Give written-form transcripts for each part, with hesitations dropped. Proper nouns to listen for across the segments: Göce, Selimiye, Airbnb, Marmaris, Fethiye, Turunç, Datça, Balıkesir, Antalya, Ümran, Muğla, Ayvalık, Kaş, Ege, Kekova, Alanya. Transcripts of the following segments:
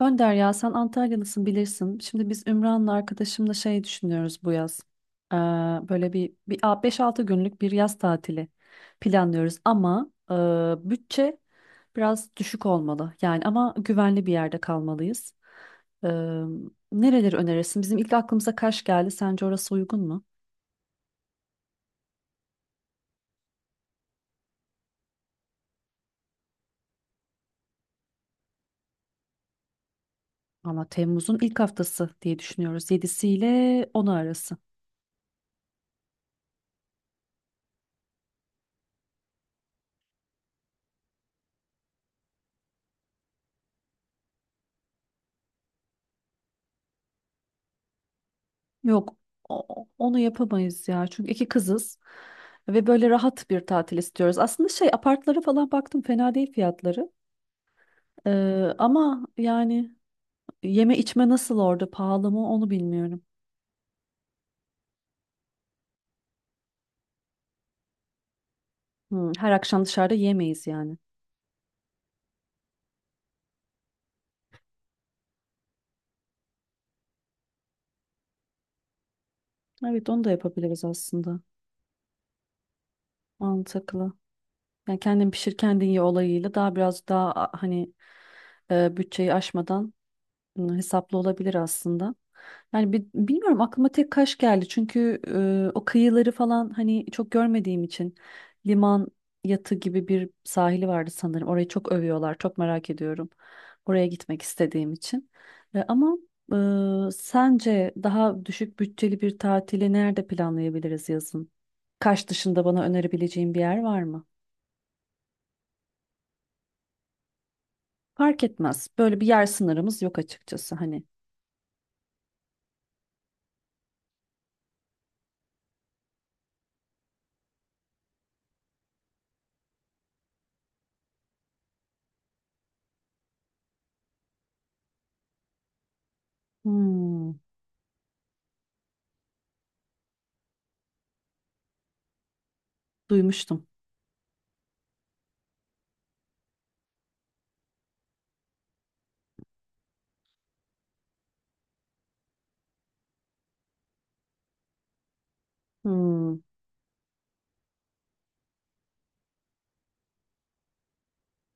Önder ya sen Antalyalısın bilirsin. Şimdi biz Ümran'la arkadaşımla şey düşünüyoruz bu yaz. Ee, böyle bir 5-6 günlük bir yaz tatili planlıyoruz ama bütçe biraz düşük olmalı. Yani ama güvenli bir yerde kalmalıyız. Ee, nereleri önerirsin? Bizim ilk aklımıza Kaş geldi. Sence orası uygun mu? Ama Temmuz'un ilk haftası diye düşünüyoruz. 7'si ile 10'u arası. Yok onu yapamayız ya. Çünkü iki kızız ve böyle rahat bir tatil istiyoruz. Aslında şey apartlara falan baktım, fena değil fiyatları. Ee, ama yani yeme içme nasıl, orada pahalı mı onu bilmiyorum. Her akşam dışarıda yemeyiz yani. Evet, onu da yapabiliriz aslında. Mantıklı. Yani kendin pişir kendin ye olayıyla daha biraz daha hani bütçeyi aşmadan hesaplı olabilir aslında. Yani bilmiyorum, aklıma tek Kaş geldi. Çünkü o kıyıları falan hani çok görmediğim için, liman yatı gibi bir sahili vardı sanırım. Orayı çok övüyorlar. Çok merak ediyorum. Oraya gitmek istediğim için. Ama sence daha düşük bütçeli bir tatili nerede planlayabiliriz yazın? Kaş dışında bana önerebileceğin bir yer var mı? Fark etmez. Böyle bir yer sınırımız yok açıkçası hani. Hmm, duymuştum. Hmm.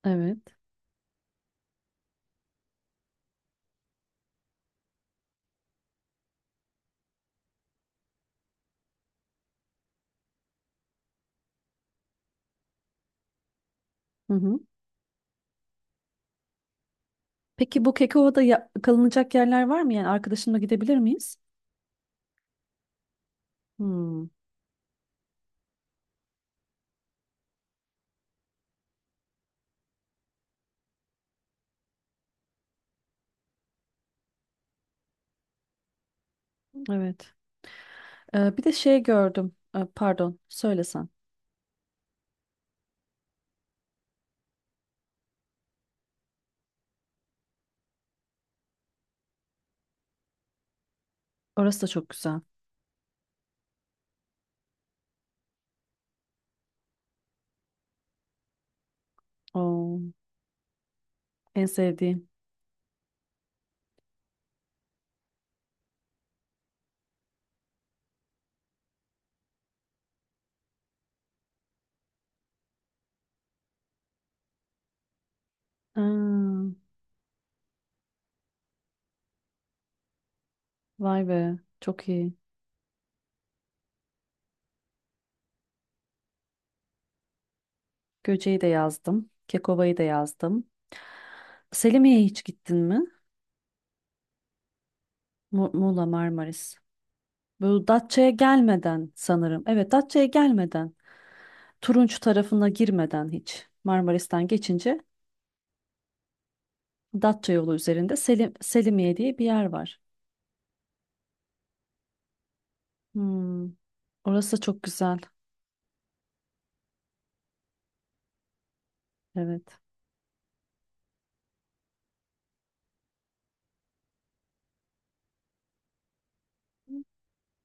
Evet. Hı hı. Peki bu Kekova'da kalınacak yerler var mı? Yani arkadaşımla gidebilir miyiz? Hmm, evet. Bir de şey gördüm. Pardon, söylesen. Orası da çok güzel. Oo, en sevdiğim. Aa, vay be, çok iyi. Göce'yi de yazdım. Kekova'yı da yazdım. Selimiye'ye hiç gittin mi? Muğla, Marmaris. Bu Datça'ya gelmeden sanırım. Evet, Datça'ya gelmeden. Turunç tarafına girmeden hiç. Marmaris'ten geçince Datça yolu üzerinde Selimiye diye bir yer var. Hmm, Orası da çok güzel. Evet.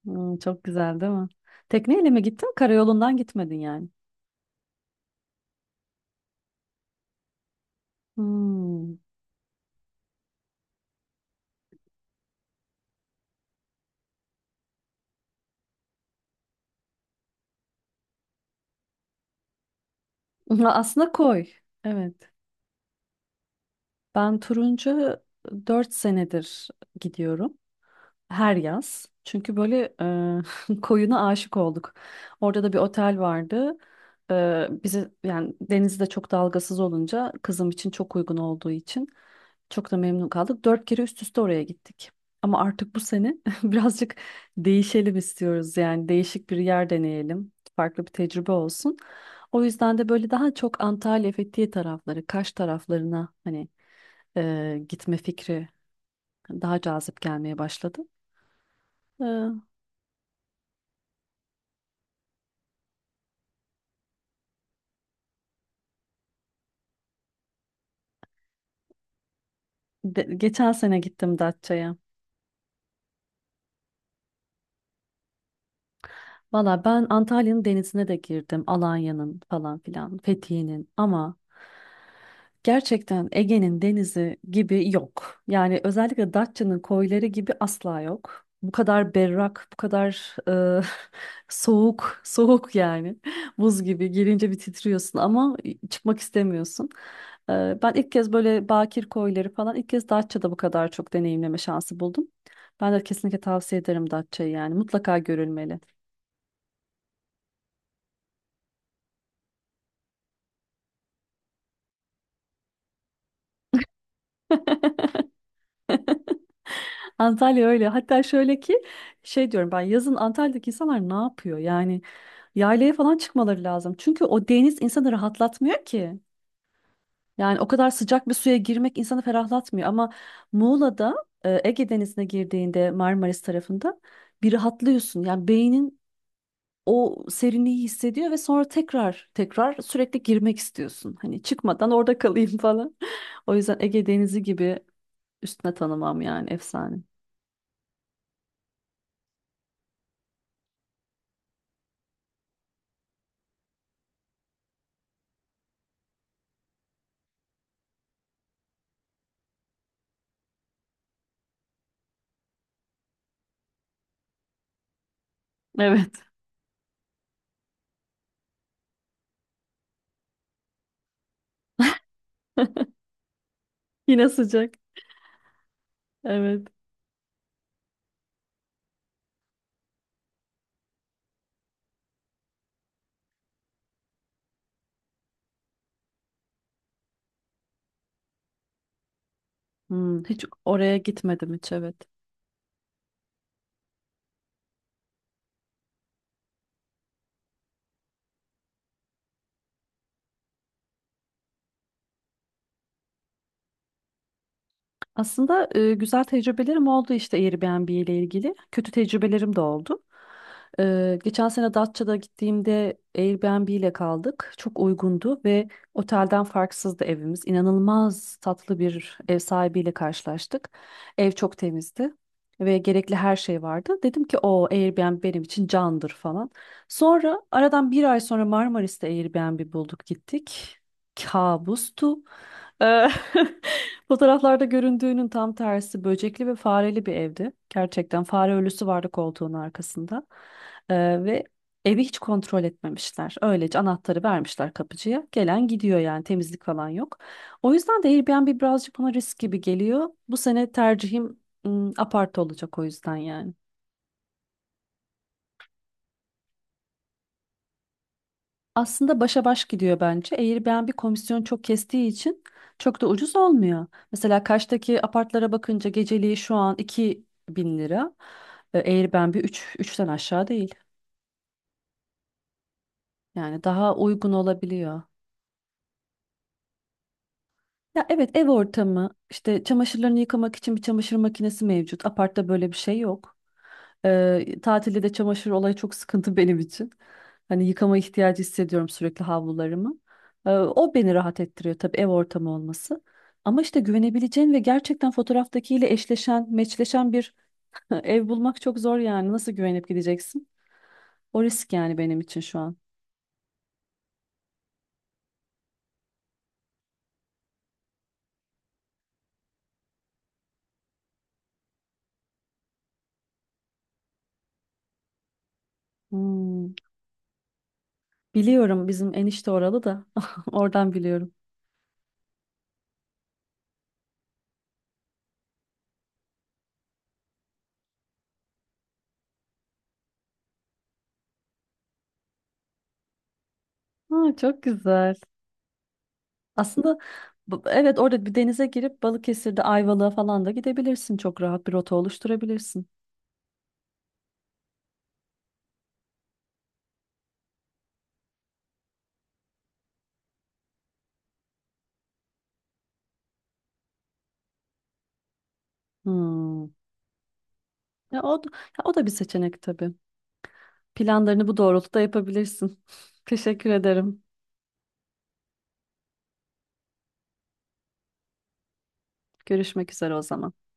Çok güzel değil mi? Tekneyle mi gittin? Karayolundan gitmedin yani. Hmm. Aslında koy. Evet. Ben Turuncu 4 senedir gidiyorum. Her yaz. Çünkü böyle koyuna aşık olduk. Orada da bir otel vardı. E, bize yani, denizi de çok dalgasız olunca kızım için çok uygun olduğu için çok da memnun kaldık. 4 kere üst üste oraya gittik. Ama artık bu sene birazcık değişelim istiyoruz. Yani değişik bir yer deneyelim. Farklı bir tecrübe olsun. O yüzden de böyle daha çok Antalya, Fethiye tarafları, Kaş taraflarına hani gitme fikri daha cazip gelmeye başladı. Geçen sene gittim Datça'ya. Valla ben Antalya'nın denizine de girdim. Alanya'nın falan filan, Fethiye'nin, ama gerçekten Ege'nin denizi gibi yok. Yani özellikle Datça'nın koyları gibi asla yok. Bu kadar berrak, bu kadar e, soğuk, soğuk yani. Buz gibi girince bir titriyorsun ama çıkmak istemiyorsun. Ben ilk kez böyle bakir koyları falan ilk kez Datça'da bu kadar çok deneyimleme şansı buldum. Ben de kesinlikle tavsiye ederim Datça'yı, yani mutlaka görülmeli. Antalya öyle. Hatta şöyle ki, şey diyorum ben, yazın Antalya'daki insanlar ne yapıyor? Yani yaylaya falan çıkmaları lazım. Çünkü o deniz insanı rahatlatmıyor ki. Yani o kadar sıcak bir suya girmek insanı ferahlatmıyor. Ama Muğla'da Ege Denizi'ne girdiğinde, Marmaris tarafında, bir rahatlıyorsun. Yani beynin o serinliği hissediyor ve sonra tekrar tekrar sürekli girmek istiyorsun. Hani çıkmadan orada kalayım falan. O yüzden Ege Denizi gibi üstüne tanımam, yani efsane. Evet. Yine sıcak. Evet. Hiç oraya gitmedim hiç, evet. Aslında güzel tecrübelerim oldu işte Airbnb ile ilgili. Kötü tecrübelerim de oldu. Geçen sene Datça'da gittiğimde Airbnb ile kaldık. Çok uygundu ve otelden farksızdı evimiz. İnanılmaz tatlı bir ev sahibiyle karşılaştık. Ev çok temizdi ve gerekli her şey vardı. Dedim ki o Airbnb benim için candır falan. Sonra, aradan bir ay sonra, Marmaris'te Airbnb bulduk gittik. Kabustu. Eee, fotoğraflarda göründüğünün tam tersi, böcekli ve fareli bir evdi. Gerçekten fare ölüsü vardı koltuğun arkasında. Ve evi hiç kontrol etmemişler. Öylece anahtarı vermişler kapıcıya. Gelen gidiyor yani, temizlik falan yok. O yüzden de Airbnb birazcık bana risk gibi geliyor. Bu sene tercihim apart olacak o yüzden yani. Aslında başa baş gidiyor bence. Airbnb komisyon çok kestiği için çok da ucuz olmuyor. Mesela Kaş'taki apartlara bakınca geceliği şu an 2.000 lira. Airbnb üçten aşağı değil. Yani daha uygun olabiliyor. Ya evet, ev ortamı işte, çamaşırlarını yıkamak için bir çamaşır makinesi mevcut. Apartta böyle bir şey yok. Tatilde de çamaşır olayı çok sıkıntı benim için. Hani yıkama ihtiyacı hissediyorum sürekli havlularımı. O beni rahat ettiriyor tabii, ev ortamı olması. Ama işte güvenebileceğin ve gerçekten fotoğraftakiyle eşleşen, meçleşen bir ev bulmak çok zor yani. Nasıl güvenip gideceksin? O risk yani benim için şu an. Hmm. Biliyorum, bizim enişte oralı da oradan biliyorum. Ha, çok güzel. Aslında evet, orada bir denize girip Balıkesir'de Ayvalık'a falan da gidebilirsin. Çok rahat bir rota oluşturabilirsin. Hmm. Ya ya o da bir seçenek tabii. Planlarını bu doğrultuda yapabilirsin. Teşekkür ederim. Görüşmek üzere o zaman.